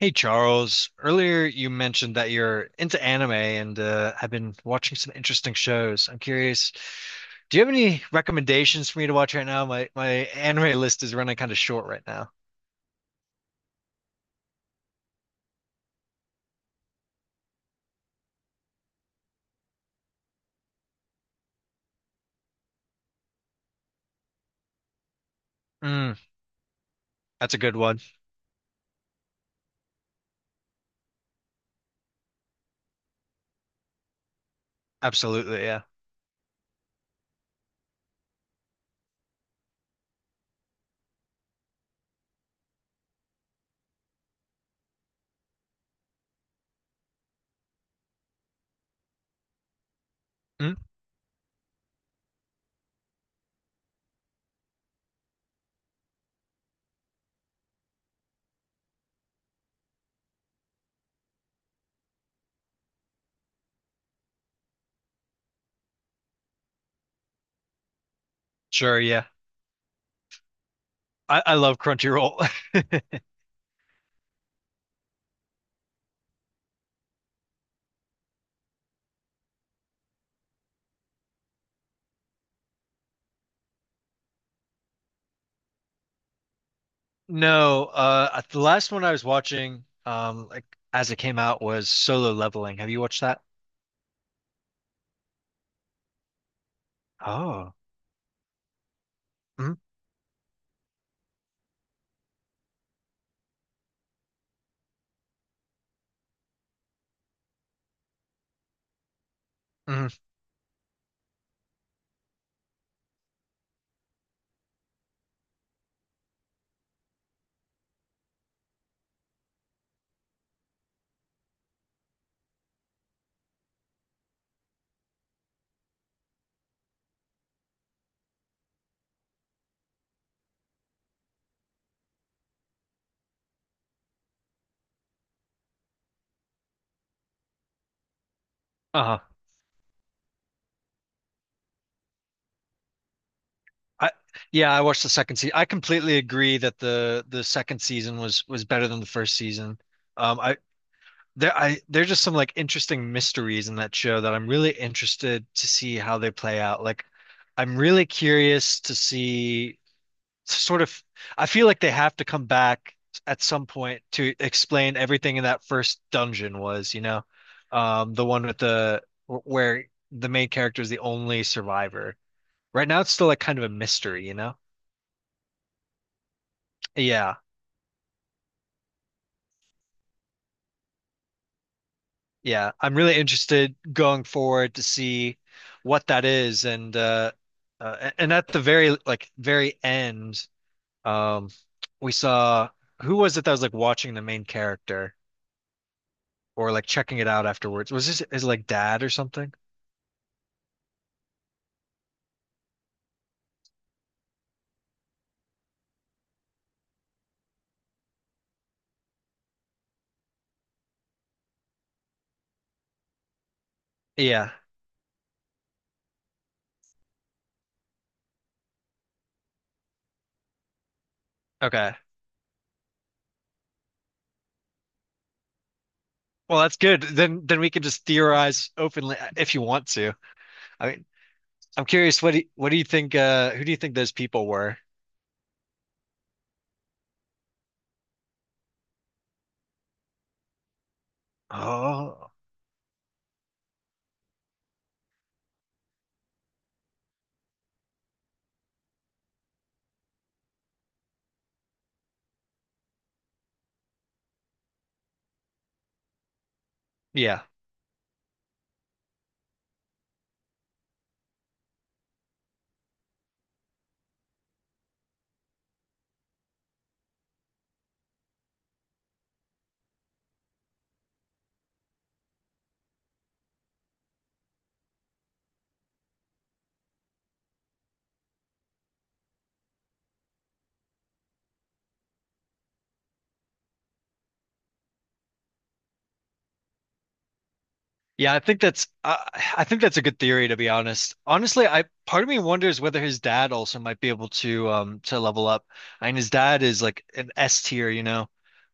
Hey Charles, earlier you mentioned that you're into anime and have been watching some interesting shows. I'm curious, do you have any recommendations for me to watch right now? My anime list is running kind of short right now. Mm, that's a good one. Absolutely, yeah. Mm, sure, yeah. I love Crunchyroll. No, the last one I was watching, like as it came out, was Solo Leveling. Have you watched that? Oh, mm, mm, uh-huh. I yeah, I watched the second season. I completely agree that the second season was better than the first season. I there I There's just some like interesting mysteries in that show that I'm really interested to see how they play out. Like, I'm really curious to see sort of. I feel like they have to come back at some point to explain everything in that first dungeon was, you know, the one with the where the main character is the only survivor. Right now, it's still like kind of a mystery, you know. Yeah, yeah. I'm really interested going forward to see what that is and at the very like very end um we saw who was it that was like watching the main character or like checking it out afterwards? Was this is like dad or something? Yeah. Okay. Well, that's good. Then we can just theorize openly, if you want to. I mean, I'm curious, what do you think, who do you think those people were? Oh, yeah. Yeah, I think that's a good theory to be honest. Honestly, I part of me wonders whether his dad also might be able to level up. I mean, his dad is like an S tier, you know.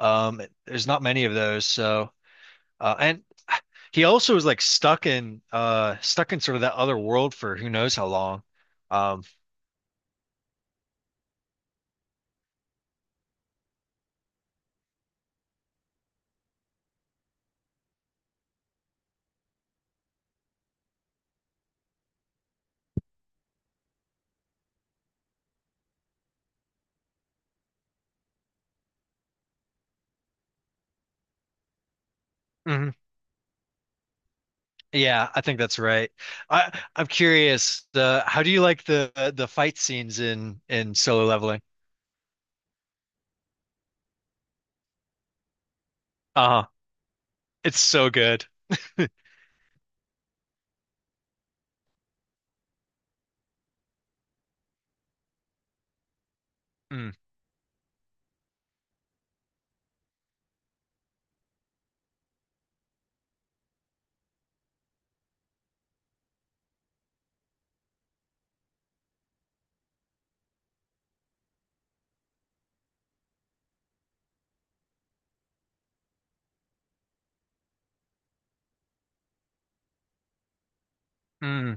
Um, there's not many of those, so and he also was like stuck in sort of that other world for who knows how long. Um, mhm. Yeah, I think that's right. I'm curious. The How do you like the fight scenes in Solo Leveling? Uh-huh. It's so good. Mm. Mm.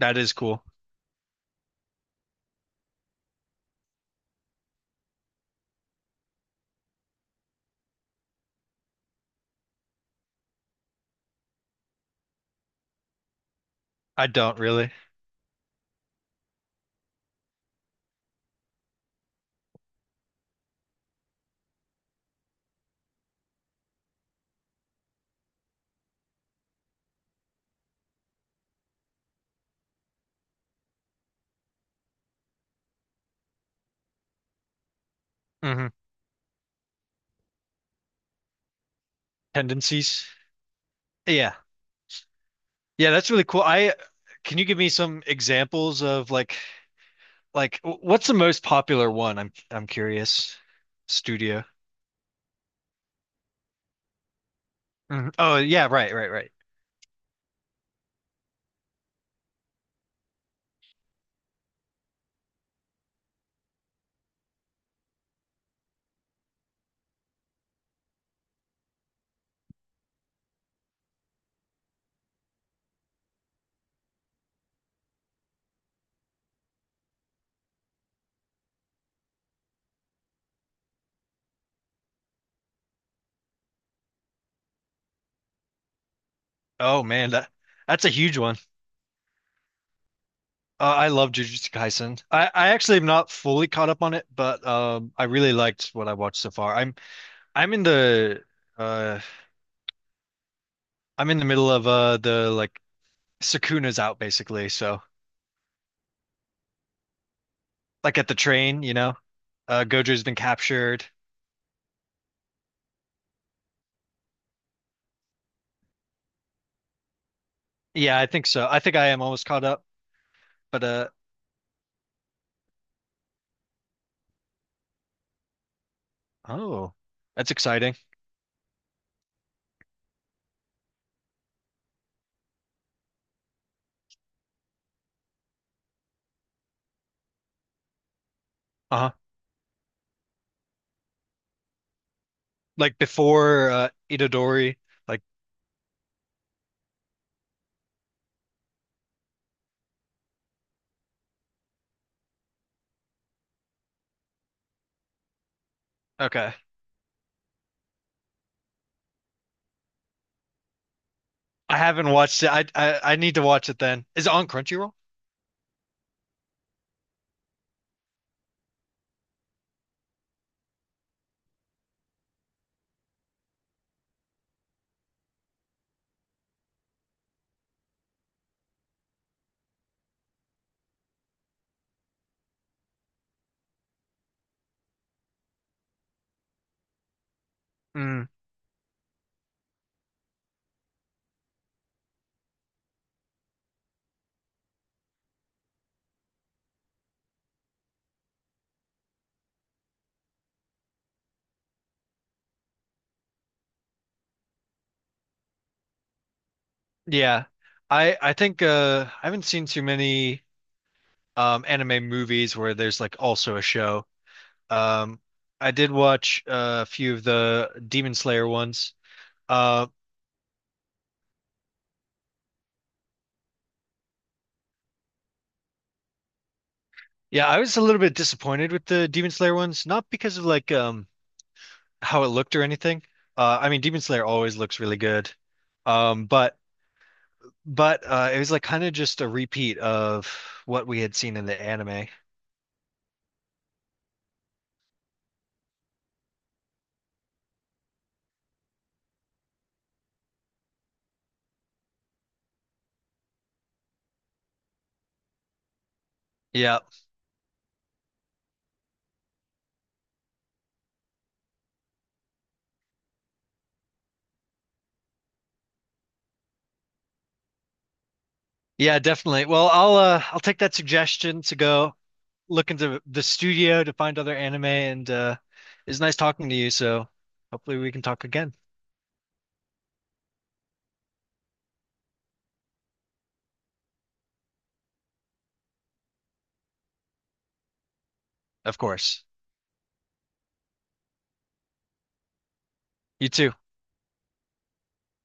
That is cool. I don't really. Hmm. Tendencies. Yeah. Yeah, that's really cool. I Can you give me some examples of like what's the most popular one? I'm curious. Studio. Mhm. Oh yeah, right, right, right. Oh man, that that's a huge one. I love Jujutsu Kaisen. I actually am not fully caught up on it, but I really liked what I watched so far. I'm in the uh I'm in the middle of the Sukuna's out basically, so like at the train, you know. Uh, Gojo's been captured. Yeah, I think so. I think I am almost caught up, but uh oh, that's exciting. Uh-huh. Like before Itadori, like okay. I haven't watched it. I need to watch it then. Is it on Crunchyroll? Mm, yeah. I think, I haven't seen too many anime movies where there's like also a show. Um I did watch, a few of the Demon Slayer ones. Um Yeah, I was a little bit disappointed with the Demon Slayer ones, not because of like how it looked or anything. I mean Demon Slayer always looks really good. Um but but it was like kind of just a repeat of what we had seen in the anime. Yeah. Yeah, definitely. Well, I'll take that suggestion to go look into the studio to find other anime, and it's nice talking to you, so hopefully we can talk again. Of course. You too.